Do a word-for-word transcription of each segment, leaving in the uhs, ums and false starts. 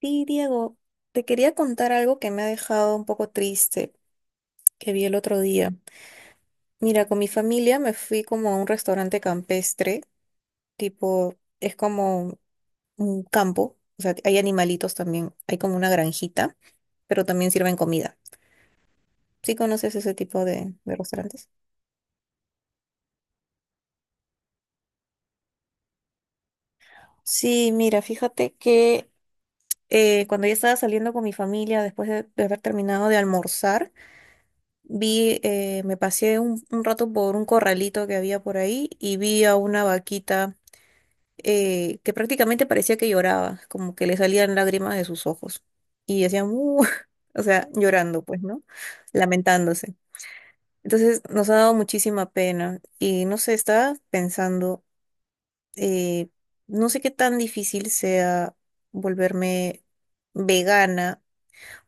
Sí, Diego, te quería contar algo que me ha dejado un poco triste, que vi el otro día. Mira, con mi familia me fui como a un restaurante campestre, tipo, es como un campo, o sea, hay animalitos también, hay como una granjita, pero también sirven comida. ¿Sí conoces ese tipo de, de restaurantes? Sí, mira, fíjate que eh, cuando ya estaba saliendo con mi familia, después de de haber terminado de almorzar, vi, eh, me pasé un, un rato por un corralito que había por ahí y vi a una vaquita eh, que prácticamente parecía que lloraba, como que le salían lágrimas de sus ojos y hacía "mu", o sea, llorando, pues, ¿no? Lamentándose. Entonces nos ha dado muchísima pena y no sé, estaba pensando, eh, no sé qué tan difícil sea volverme vegana.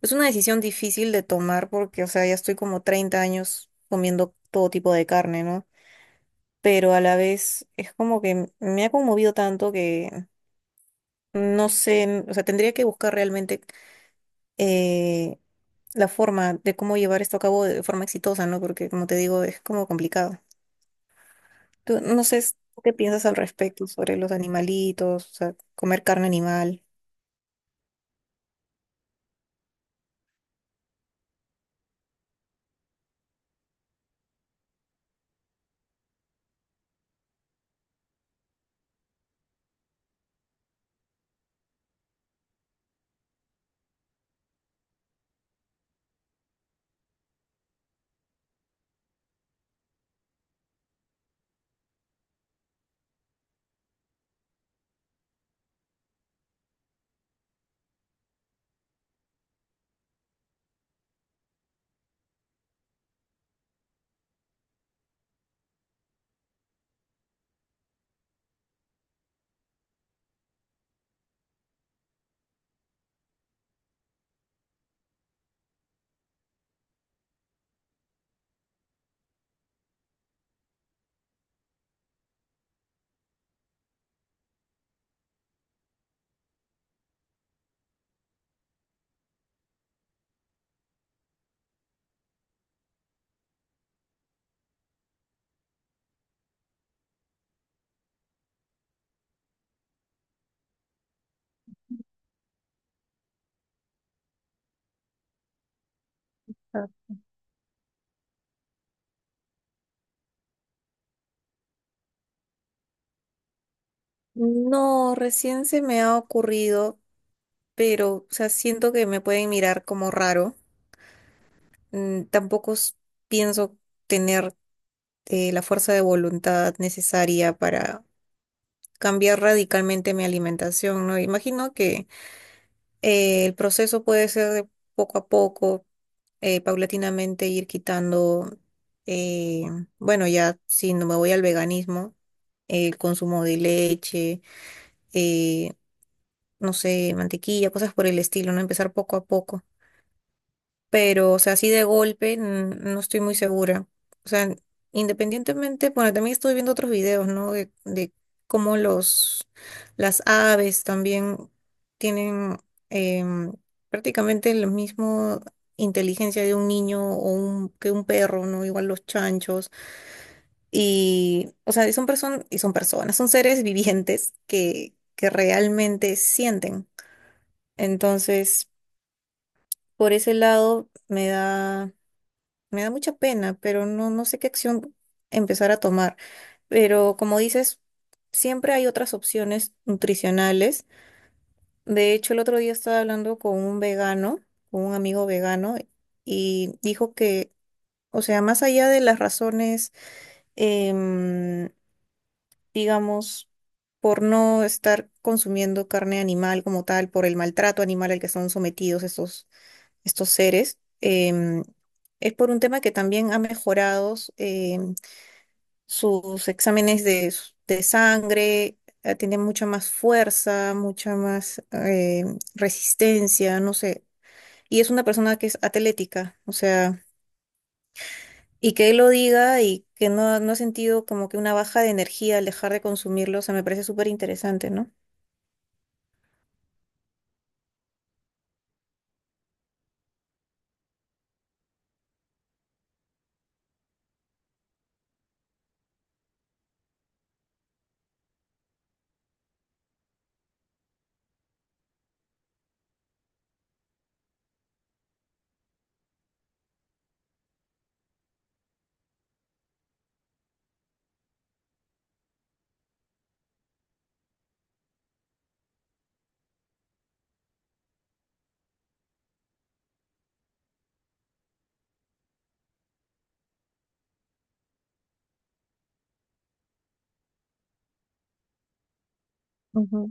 Es una decisión difícil de tomar porque, o sea, ya estoy como treinta años comiendo todo tipo de carne, ¿no? Pero a la vez es como que m- me ha conmovido tanto que no sé, n- o sea, tendría que buscar realmente eh, la forma de cómo llevar esto a cabo de forma exitosa, ¿no? Porque, como te digo, es como complicado. Tú, no sé s- ¿tú qué piensas al respecto sobre los animalitos? O sea, comer carne animal. Ah. No, recién se me ha ocurrido, pero, o sea, siento que me pueden mirar como raro. Mm, tampoco s- Pienso tener eh, la fuerza de voluntad necesaria para cambiar radicalmente mi alimentación, ¿no? Imagino que eh, el proceso puede ser de poco a poco, eh, paulatinamente ir quitando, eh, bueno, ya si no me voy al veganismo, el consumo de leche, eh, no sé, mantequilla, cosas por el estilo, ¿no? Empezar poco a poco. Pero, o sea, así de golpe, n- no estoy muy segura. O sea, independientemente, bueno, también estoy viendo otros videos, ¿no? De, de cómo los, las aves también tienen em, prácticamente la misma inteligencia de un niño o un, que un perro, ¿no? Igual los chanchos. Y, o sea, y son personas, y son personas, son seres vivientes que, que realmente sienten. Entonces, por ese lado me da. Me da mucha pena, pero no, no sé qué acción empezar a tomar. Pero como dices, siempre hay otras opciones nutricionales. De hecho, el otro día estaba hablando con un vegano, con un amigo vegano, y dijo que, o sea, más allá de las razones, em, digamos, por no estar consumiendo carne animal como tal, por el maltrato animal al que son sometidos estos, estos seres, em, es por un tema que también ha mejorado. Em, sus exámenes de, s- de sangre, eh, tiene mucha más fuerza, mucha más eh, resistencia, no sé. Y es una persona que es atlética, o sea, y que él lo diga y que no, no ha sentido como que una baja de energía al dejar de consumirlo, o sea, me parece súper interesante, ¿no? Ujú,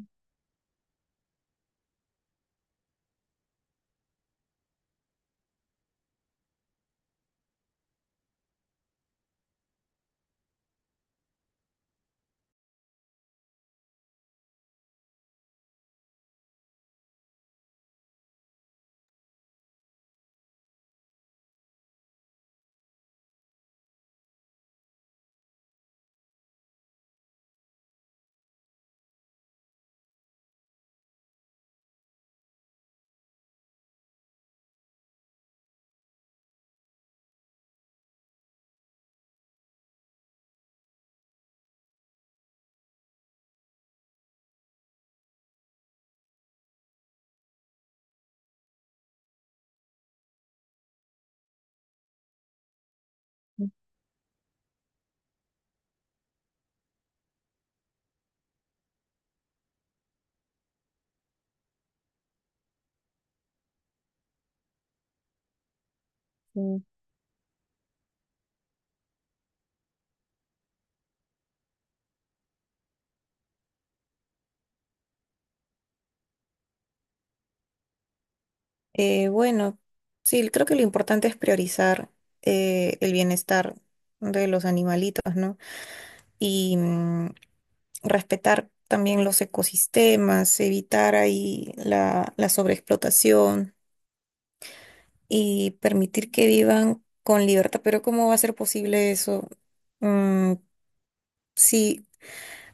sí. Eh, bueno, sí, creo que lo importante es priorizar eh, el bienestar de los animalitos, ¿no? Y, mm, respetar también los ecosistemas, evitar ahí la, la sobreexplotación y permitir que vivan con libertad. Pero ¿cómo va a ser posible eso? Mm, si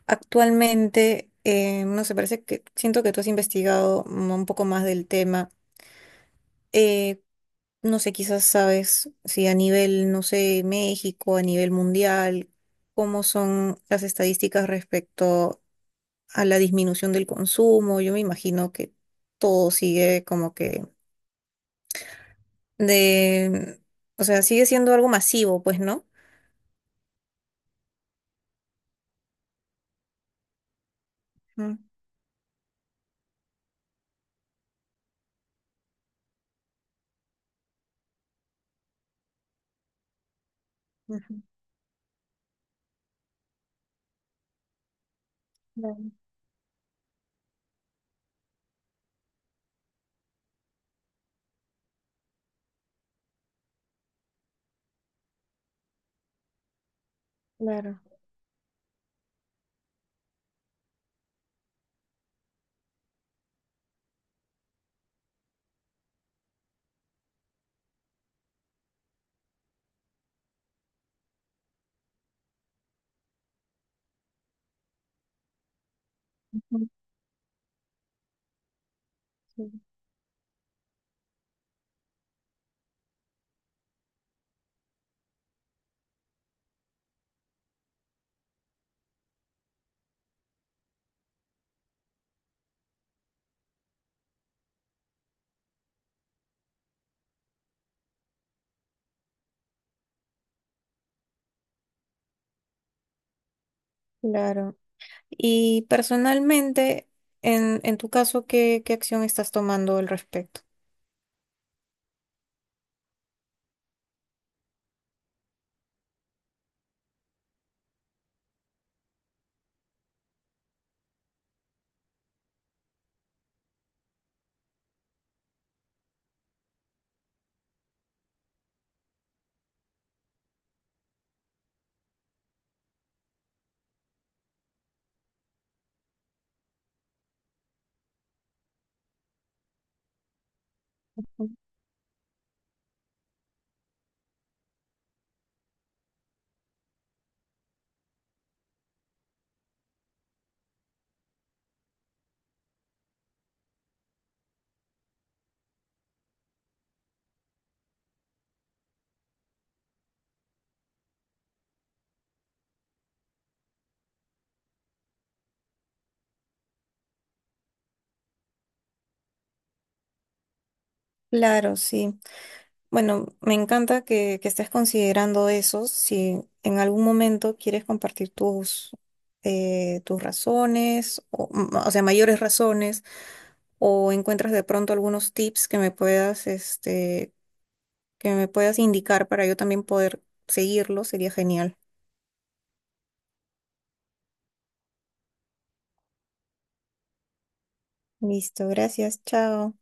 actualmente, eh, no sé, parece que siento que tú has investigado mm, un poco más del tema. Eh, no sé, quizás sabes si a nivel, no sé, México, a nivel mundial, cómo son las estadísticas respecto a la disminución del consumo. Yo me imagino que todo sigue como que de, o sea, sigue siendo algo masivo, pues, ¿no? Ujú, ujú, claro, claro, ujú. Sí. Claro. Y personalmente, en, en tu caso, ¿qué, ¿qué acción estás tomando al respecto? Claro, sí. Bueno, me encanta que, que estés considerando eso. Si en algún momento quieres compartir tus, eh, tus razones, o, mm, o sea, mayores razones o encuentras de pronto algunos tips que me puedas, este, que me puedas indicar para yo también poder seguirlo, sería genial. Listo, gracias, chao.